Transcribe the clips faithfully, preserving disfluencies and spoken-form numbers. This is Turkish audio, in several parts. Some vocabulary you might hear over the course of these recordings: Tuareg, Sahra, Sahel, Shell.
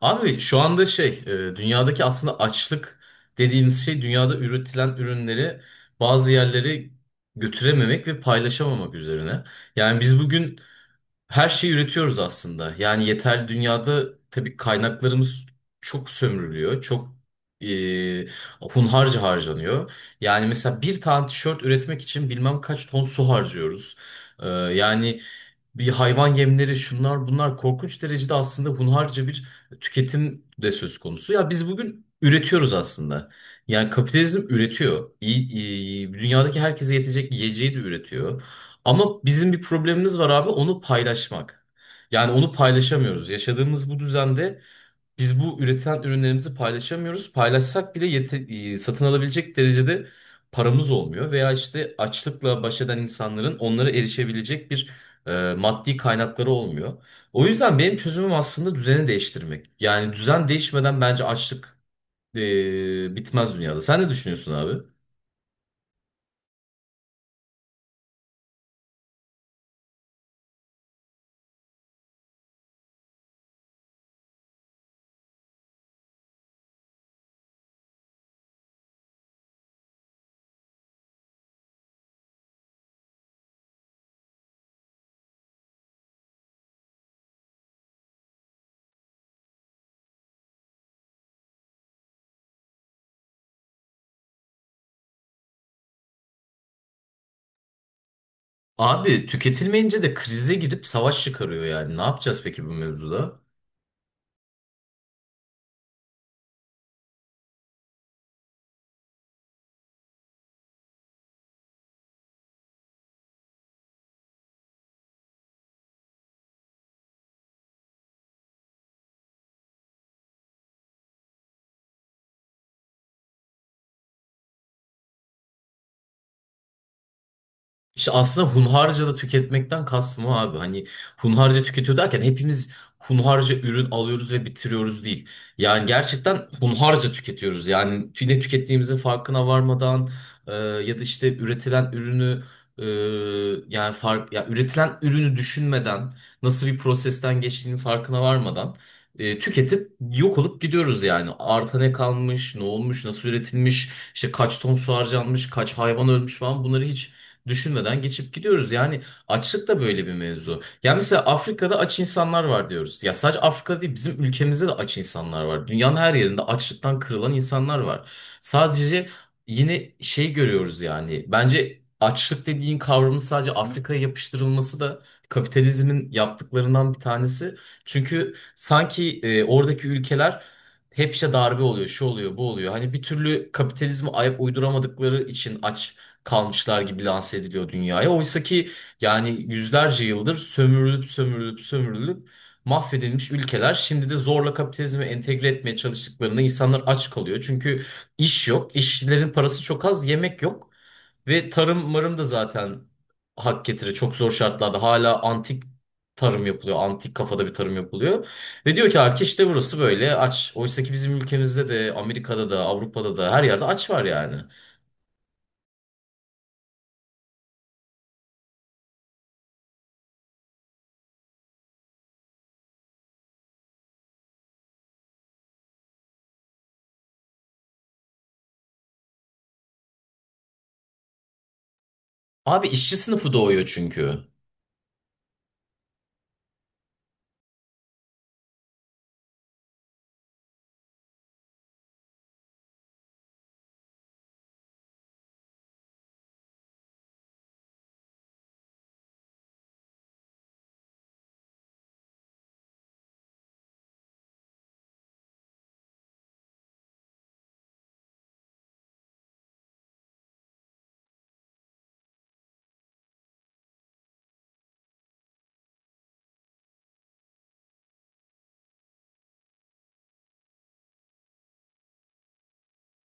Abi şu anda şey e, dünyadaki aslında açlık dediğimiz şey dünyada üretilen ürünleri bazı yerlere götürememek ve paylaşamamak üzerine. Yani biz bugün her şeyi üretiyoruz aslında. Yani yeterli dünyada tabii kaynaklarımız çok sömürülüyor. Çok e, Hunharca harcanıyor. Yani mesela bir tane tişört üretmek için bilmem kaç ton su harcıyoruz. E, yani bir hayvan yemleri şunlar bunlar korkunç derecede aslında hunharca bir tüketim de söz konusu. Ya biz bugün üretiyoruz aslında. Yani kapitalizm üretiyor. İyi, iyi- dünyadaki herkese yetecek yiyeceği de üretiyor. Ama bizim bir problemimiz var abi, onu paylaşmak. Yani onu paylaşamıyoruz. Yaşadığımız bu düzende biz bu üretilen ürünlerimizi paylaşamıyoruz. Paylaşsak bile yete- e, satın alabilecek derecede paramız olmuyor. Veya işte açlıkla baş eden insanların onlara erişebilecek bir e, maddi kaynakları olmuyor. O yüzden benim çözümüm aslında düzeni değiştirmek. Yani düzen değişmeden bence açlık e, bitmez dünyada. Sen ne düşünüyorsun abi? Abi tüketilmeyince de krize girip savaş çıkarıyor yani. Ne yapacağız peki bu mevzuda? İşte aslında hunharca da tüketmekten kastım o abi. Hani hunharca tüketiyor derken hepimiz hunharca ürün alıyoruz ve bitiriyoruz değil. Yani gerçekten hunharca tüketiyoruz. Yani tü- ne tükettiğimizin farkına varmadan, e, ya da işte üretilen ürünü e, yani fark ya üretilen ürünü düşünmeden, nasıl bir prosesten geçtiğinin farkına varmadan e, tüketip yok olup gidiyoruz yani. Arta ne kalmış, ne olmuş, nasıl üretilmiş, işte kaç ton su harcanmış, kaç hayvan ölmüş falan, bunları hiç düşünmeden geçip gidiyoruz. Yani açlık da böyle bir mevzu. Ya mesela Afrika'da aç insanlar var diyoruz. Ya sadece Afrika değil, bizim ülkemizde de aç insanlar var. Dünyanın her yerinde açlıktan kırılan insanlar var. Sadece yine şey görüyoruz yani. Bence açlık dediğin kavramın sadece Afrika'ya yapıştırılması da kapitalizmin yaptıklarından bir tanesi. Çünkü sanki e, oradaki ülkeler hep işte darbe oluyor, şu oluyor, bu oluyor. Hani bir türlü kapitalizme ayak uyduramadıkları için aç kalmışlar gibi lanse ediliyor dünyaya. Oysa ki yani yüzlerce yıldır sömürülüp sömürülüp sömürülüp mahvedilmiş ülkeler, şimdi de zorla kapitalizme entegre etmeye çalıştıklarında insanlar aç kalıyor. Çünkü iş yok, işçilerin parası çok az, yemek yok ve tarım marım da zaten hak getire, çok zor şartlarda hala antik tarım yapılıyor. Antik kafada bir tarım yapılıyor. Ve diyor ki artık işte burası böyle aç. Oysa ki bizim ülkemizde de, Amerika'da da, Avrupa'da da her yerde aç var yani. Abi işçi sınıfı doğuyor çünkü.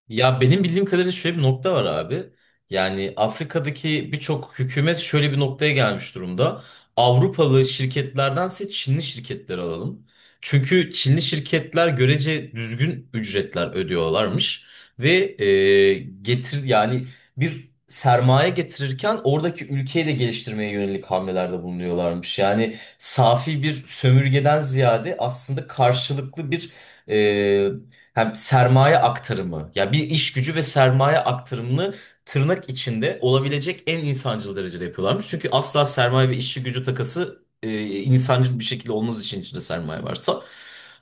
Ya benim bildiğim kadarıyla şöyle bir nokta var abi. Yani Afrika'daki birçok hükümet şöyle bir noktaya gelmiş durumda. Avrupalı şirketlerdense Çinli şirketleri alalım. Çünkü Çinli şirketler görece düzgün ücretler ödüyorlarmış ve e, getir yani bir sermaye getirirken oradaki ülkeyi de geliştirmeye yönelik hamlelerde bulunuyorlarmış. Yani safi bir sömürgeden ziyade aslında karşılıklı bir e, hem sermaye aktarımı, ya bir iş gücü ve sermaye aktarımını tırnak içinde olabilecek en insancıl derecede yapıyorlarmış. Çünkü asla sermaye ve işçi gücü takası e, insancıl bir şekilde olmaz için içinde sermaye varsa.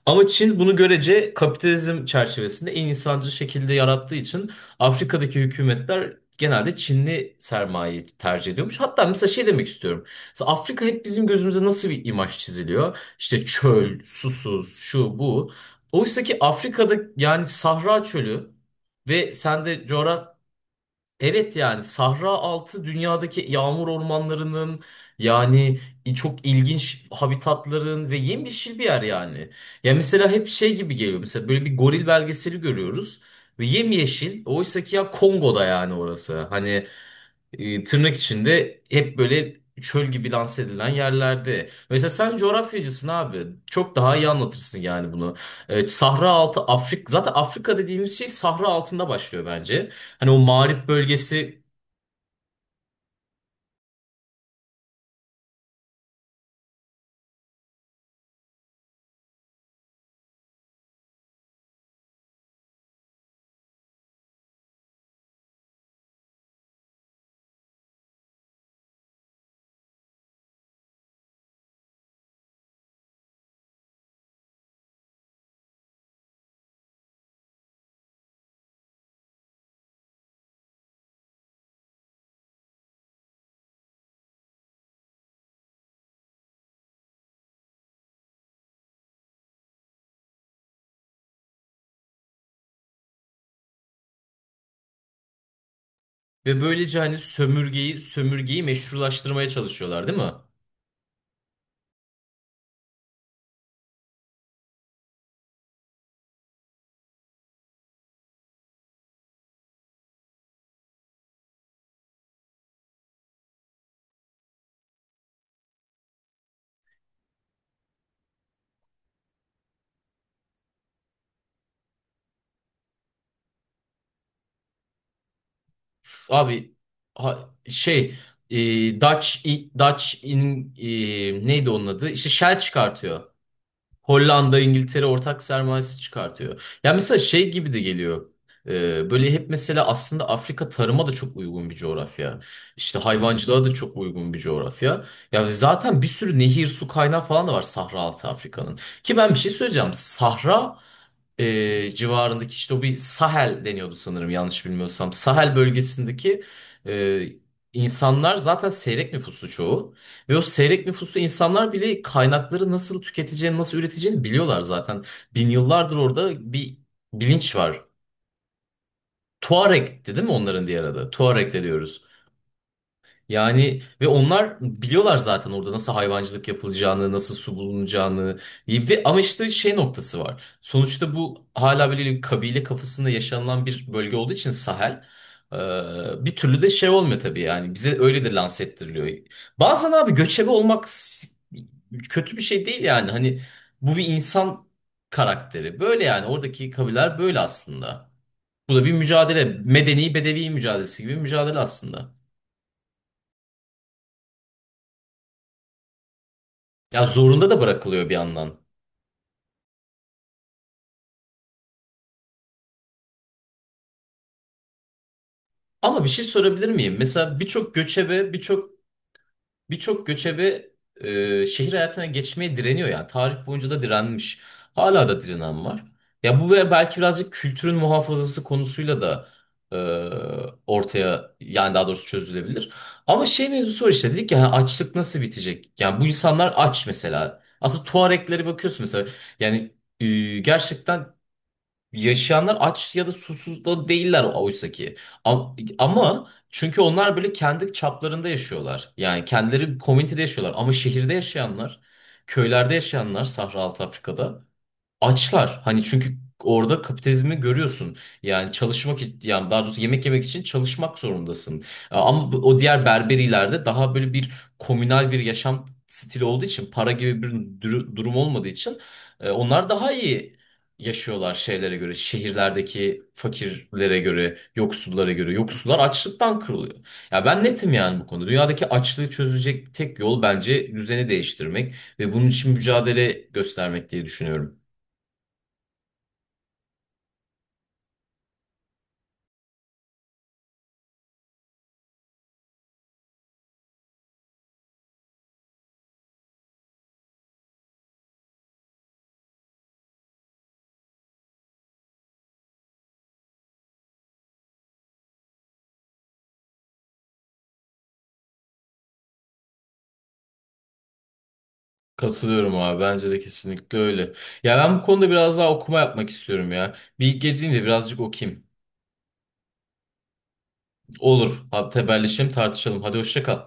Ama Çin bunu görece kapitalizm çerçevesinde en insancıl şekilde yarattığı için Afrika'daki hükümetler genelde Çinli sermayeyi tercih ediyormuş. Hatta mesela şey demek istiyorum. Mesela Afrika hep bizim gözümüze nasıl bir imaj çiziliyor? İşte çöl, susuz, şu bu. Oysa ki Afrika'da yani Sahra Çölü ve sen de coğraf evet, yani Sahra altı dünyadaki yağmur ormanlarının, yani çok ilginç habitatların ve yemyeşil bir yer yani. Ya mesela hep şey gibi geliyor, mesela böyle bir goril belgeseli görüyoruz ve yemyeşil, oysa ki ya Kongo'da yani orası. Hani e, tırnak içinde hep böyle çöl gibi lanse edilen yerlerde. Mesela sen coğrafyacısın abi. Çok daha iyi anlatırsın yani bunu. E, Sahra altı Afrika, zaten Afrika dediğimiz şey Sahra altında başlıyor bence. Hani o mağrip bölgesi ve böylece hani sömürgeyi sömürgeyi meşrulaştırmaya çalışıyorlar değil mi? Üf, abi, ha- şey, e, Dutch, Dutch in e, neydi onun adı? İşte Shell çıkartıyor. Hollanda, İngiltere ortak sermayesi çıkartıyor. Ya mesela şey gibi de geliyor. Ee, böyle hep mesela aslında Afrika tarıma da çok uygun bir coğrafya. İşte hayvancılığa da çok uygun bir coğrafya. Ya zaten bir sürü nehir, su kaynağı falan da var Sahra altı Afrika'nın. Ki ben bir şey söyleyeceğim. Sahra e, civarındaki işte o bir Sahel deniyordu sanırım, yanlış bilmiyorsam. Sahel bölgesindeki e, insanlar zaten seyrek nüfusu çoğu. Ve o seyrek nüfuslu insanlar bile kaynakları nasıl tüketeceğini, nasıl üreteceğini biliyorlar zaten. Bin yıllardır orada bir bilinç var. Tuareg'ti değil mi onların diğer adı? Tuareg de diyoruz. Yani ve onlar biliyorlar zaten orada nasıl hayvancılık yapılacağını, nasıl su bulunacağını. Ve ama işte şey noktası var. Sonuçta bu hala böyle bir kabile kafasında yaşanılan bir bölge olduğu için Sahel e, bir türlü de şey olmuyor tabii yani. Bize öyle de lanse ettiriliyor. Bazen abi göçebe olmak s- kötü bir şey değil yani. Hani bu bir insan karakteri. Böyle yani oradaki kabileler böyle aslında. Bu da bir mücadele. Medeni bedevi mücadelesi gibi bir mücadele aslında. Ya zorunda da bırakılıyor bir yandan. Ama bir şey sorabilir miyim? Mesela birçok göçebe, birçok birçok göçebe e, şehir hayatına geçmeye direniyor yani. Tarih boyunca da direnmiş. Hala da direnen var. Ya bu ve belki birazcık kültürün muhafazası konusuyla da e, ortaya, yani daha doğrusu çözülebilir. Ama şey mevzusu var, işte dedik ya hani, açlık nasıl bitecek? Yani bu insanlar aç mesela. Aslında Tuareglere bakıyorsun mesela. Yani e, gerçekten yaşayanlar aç ya da susuz da değiller oysa ki. Am- Ama çünkü onlar böyle kendi çaplarında yaşıyorlar. Yani kendileri komünitede yaşıyorlar. Ama şehirde yaşayanlar, köylerde yaşayanlar, Sahra Altı Afrika'da açlar. Hani çünkü orada kapitalizmi görüyorsun. Yani çalışmak i- yani daha doğrusu yemek yemek için çalışmak zorundasın. Ama bu- o diğer berberilerde daha böyle bir komünal bir yaşam stili olduğu için, para gibi bir duru- durum olmadığı için e, onlar daha iyi yaşıyorlar şeylere göre. Şehirlerdeki fakirlere göre, yoksullara göre. Yoksullar açlıktan kırılıyor. Ya ben netim yani bu konuda. Dünyadaki açlığı çözecek tek yol bence düzeni değiştirmek ve bunun için mücadele göstermek diye düşünüyorum. Katılıyorum abi. Bence de kesinlikle öyle. Ya ben bu konuda biraz daha okuma yapmak istiyorum ya. Bir ilk girdiğimde birazcık okuyayım. Olur. Hadi haberleşelim, tartışalım. Hadi hoşça kal.